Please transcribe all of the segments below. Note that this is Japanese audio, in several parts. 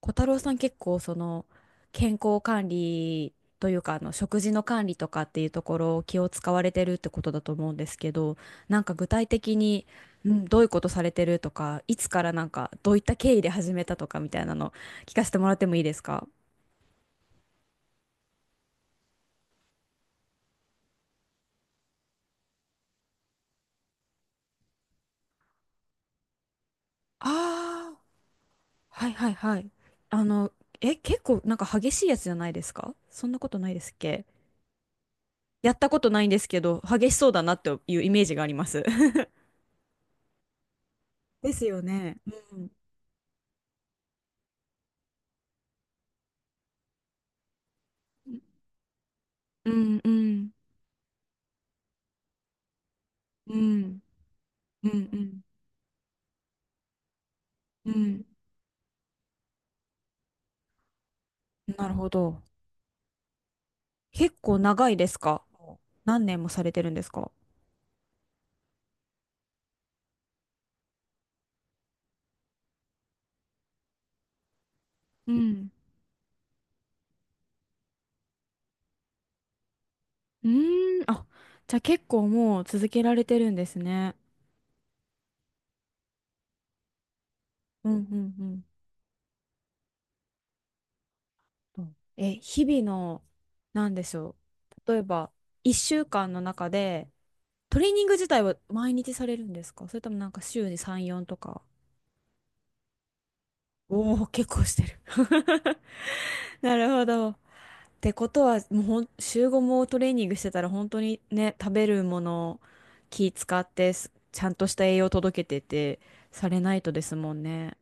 小太郎さん、結構その健康管理というか食事の管理とかっていうところを気を使われてるってことだと思うんですけど、なんか具体的に、うん、どういうことされてるとか、いつからなんかどういった経緯で始めたとかみたいなの聞かせてもらってもいいですか？ああ、はいはいはい。あのえ結構なんか激しいやつじゃないですか？そんなことないですっけ？やったことないんですけど、激しそうだなっていうイメージがあります。ですよね。うんうんうんうん、うん、うん、うん。なるほど。結構長いですか？もう何年もされてるんですか？うん。うーん。あ、じゃあ結構もう続けられてるんですね。うん、うん、うん。え、日々の、なんでしょう。例えば、1週間の中で、トレーニング自体は毎日されるんですか？それともなんか週に3、4とか。おおー、結構してる。なるほど。ってことは、もう週5もトレーニングしてたら本当にね、食べるものを気使ってちゃんとした栄養届けてて、されないとですもんね。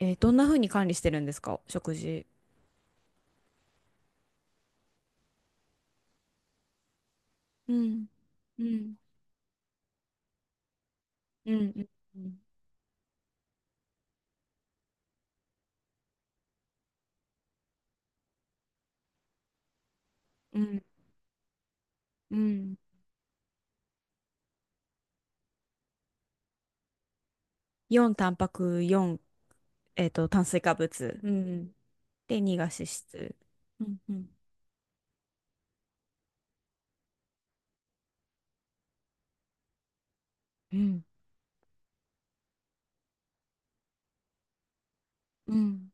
どんな風に管理してるんですか、食事？うん。うん。うん。うん。うん。うん。4タンパク、4、炭水化物。うん。で、2が脂質。うん。うん。うん。うん。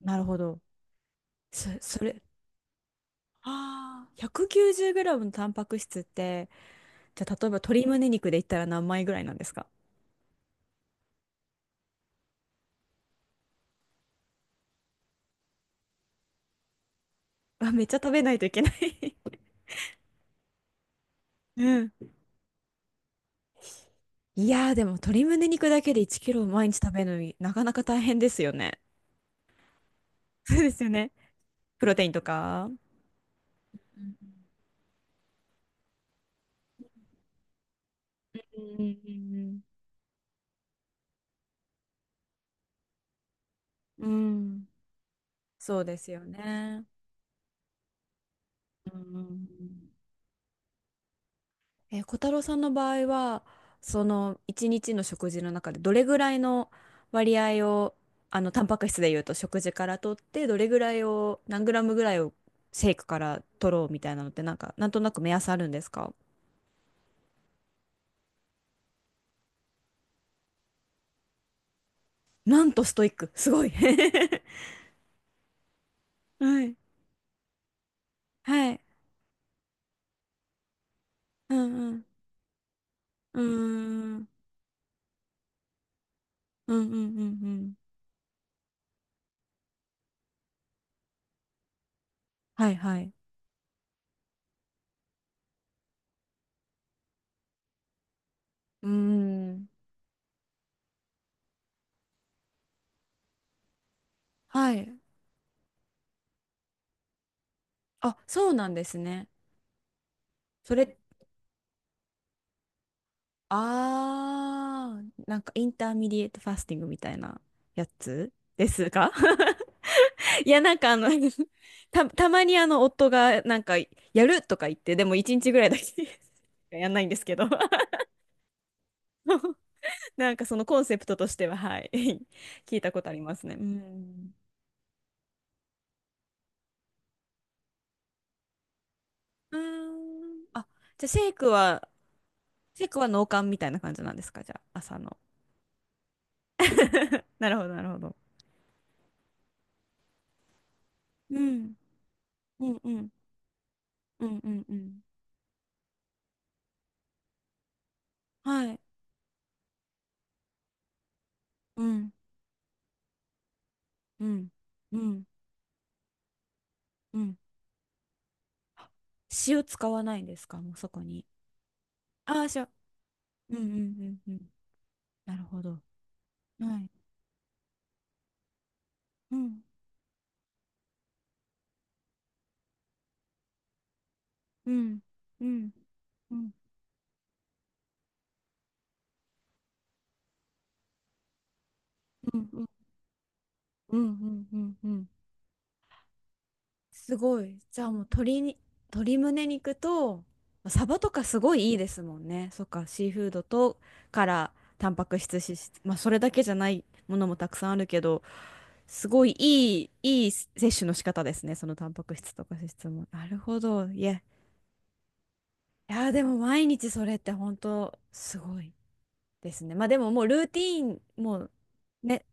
なるほど。それ、ああ、190グラムのタンパク質って、じゃあ、例えば鶏胸肉で言ったら何枚ぐらいなんですか？あ めっちゃ食べないといけない。 うん。いやー、でも鶏胸肉だけで1キロ毎日食べるのになかなか大変ですよね。そうですよね。プロテインとか。うんうんうんうん。うん、そうですよね。うんうんうん。小太郎さんの場合は、その一日の食事の中でどれぐらいの割合を、タンパク質でいうと食事から取って、どれぐらいを、何グラムぐらいをシェイクから取ろうみたいなのって、なんか、なんとなく目安あるんですか？なんとストイック、すごい。はい。はい。うんうん。うーん。うんうんうんうん。はいはい。うーん。はい。あ、そうなんですね。それっあー、なんかインターミディエイトファスティングみたいなやつですか？ いや、なんかたまにあの夫がなんかやるとか言って、でも1日ぐらいだけ やんないんですけど。 なんかそのコンセプトとしては、はい。 聞いたことありますね。うん。うーん。あ、じゃあシェイクは脳幹みたいな感じなんですか？じゃあ、朝の。なるほど、なるほど。うん。うんうん。うんうんうん。はい。うん。うん。うん。うん。塩使わないんですか？もうそこに。ああ、塩。うんうんうんうん。なるほど。はい。うん。うん。うん。うん。うん。うん。うん。うん。うん。すごい。じゃあもう鶏胸肉と、サバとかすごいいいですもんね。そっか、シーフードとからタンパク質、脂質、まあそれだけじゃないものもたくさんあるけど、すごい、いい、いい摂取の仕方ですね。そのタンパク質とか脂質も。なるほど。いや、いやー、でも毎日それって本当すごいですね。まあでも、もうルーティーンもうね、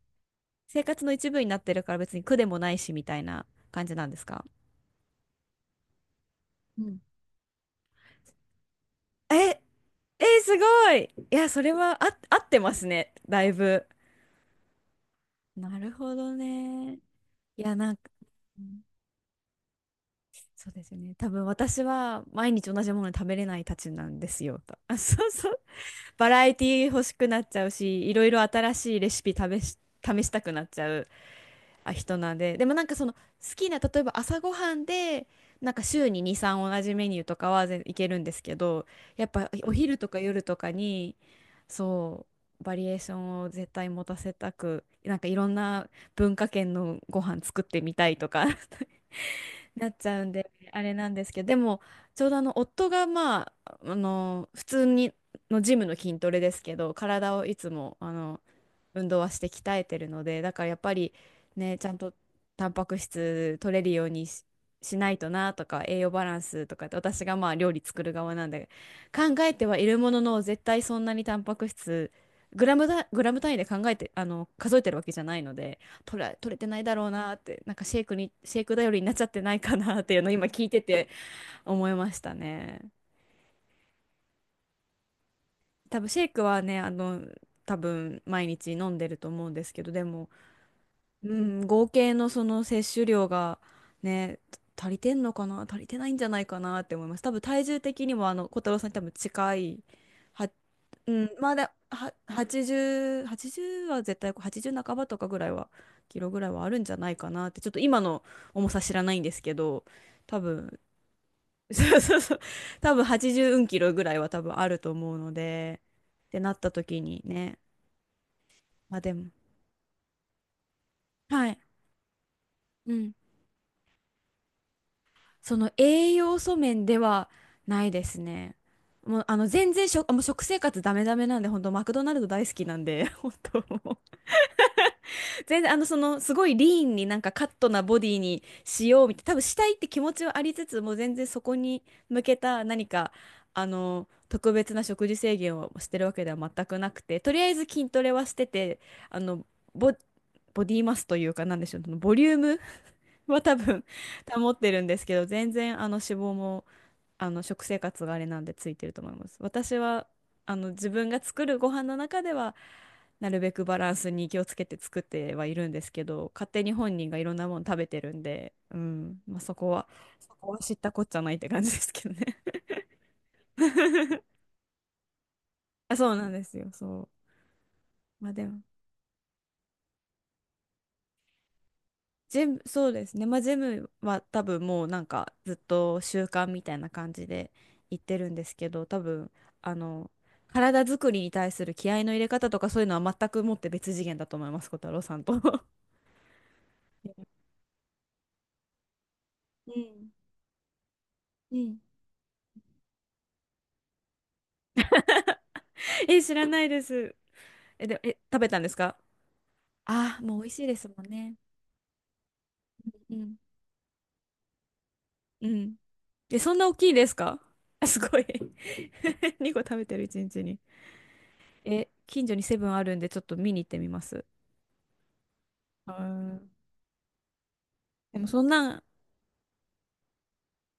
生活の一部になってるから別に苦でもないしみたいな感じなんですか？うん。え、え、すごい。いや、それは合ってますね、だいぶ。なるほどね。いや、なんか、うん、そうですよね。多分私は毎日同じもの食べれないたちなんですよ。そうそう。バラエティ欲しくなっちゃうし、いろいろ新しいレシピ試したくなっちゃう人なんで、でもなんかその好きな、例えば朝ごはんでなんか週に2、3同じメニューとかは全いけるんですけど、やっぱお昼とか夜とかに、そうバリエーションを絶対持たせたく、なんかいろんな文化圏のご飯作ってみたいとか なっちゃうんであれなんですけど、でもちょうどあの夫がまあ、あの普通にのジムの筋トレですけど、体をいつも運動はして鍛えてるので、だからやっぱりね、ちゃんとタンパク質取れるようにしないとなとか、栄養バランスとかって、私がまあ料理作る側なんで、考えてはいるものの、絶対そんなにタンパク質、グラムだ、グラム単位で考えて、数えてるわけじゃないので、取れてないだろうなって、なんかシェイク頼りになっちゃってないかなっていうのを今聞いてて思いましたね。多分シェイクはね、多分毎日飲んでると思うんですけど、でも、うん、合計のその摂取量がね、足りてんのかな、足りてないんじゃないかなって思います。多分体重的にもあの小太郎さんに多分近い、は、うん、まだは80、80は絶対80半ばとかぐらいは、キロぐらいはあるんじゃないかなって、ちょっと今の重さ知らないんですけど、多分、そうそうそう、多分80キロぐらいは多分あると思うので、ってなった時にね、まあでも、はい。うん、その栄養素面ではないですね。もう全然もう食生活ダメダメなんで、本当マクドナルド大好きなんで、本当もう全然すごいリーンになんかカットなボディにしようみたいな、多分したいって気持ちはありつつ、も全然そこに向けた何か特別な食事制限をしてるわけでは全くなくて、とりあえず筋トレはしてて、あのボ、ボディマスというか、なんでしょう、そのボリュームは多分 保ってるんですけど、全然脂肪も。あの食生活があれなんでついてると思います。私は自分が作るご飯の中ではなるべくバランスに気をつけて作ってはいるんですけど、勝手に本人がいろんなもの食べてるんで、うん、まあ、そこは知ったこっちゃないって感じですけどね。 あ、そうなんですよ、そう。まあでもジム、そうですね。まあ、ジムは多分もうなんかずっと習慣みたいな感じで行ってるんですけど、多分あの体作りに対する気合いの入れ方とかそういうのは全くもって別次元だと思います、小太郎さんと。うん。うん。え、知らないです。え、で、え、食べたんですか？ああー、もう美味しいですもんね。うん。うん。え、そんな大きいですか？あ、すごい。2個 食べてる一日にちに。え、近所にセブンあるんでちょっと見に行ってみます。はーい。でもそんなん、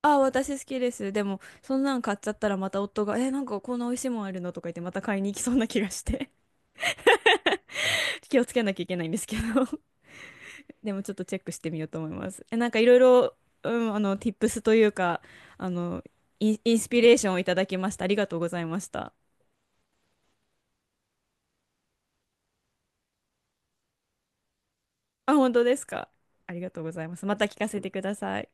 あ、私好きです。でも、そんなん買っちゃったらまた夫が、え、なんかこんな美味しいもんあるのとか言ってまた買いに行きそうな気がして、 気をつけなきゃいけないんですけど。 でもちょっとチェックしてみようと思います。え、なんかいろいろ、うん、tips というか、あの、インスピレーションをいただきました。ありがとうございました。あ、本当ですか。ありがとうございます。また聞かせてください。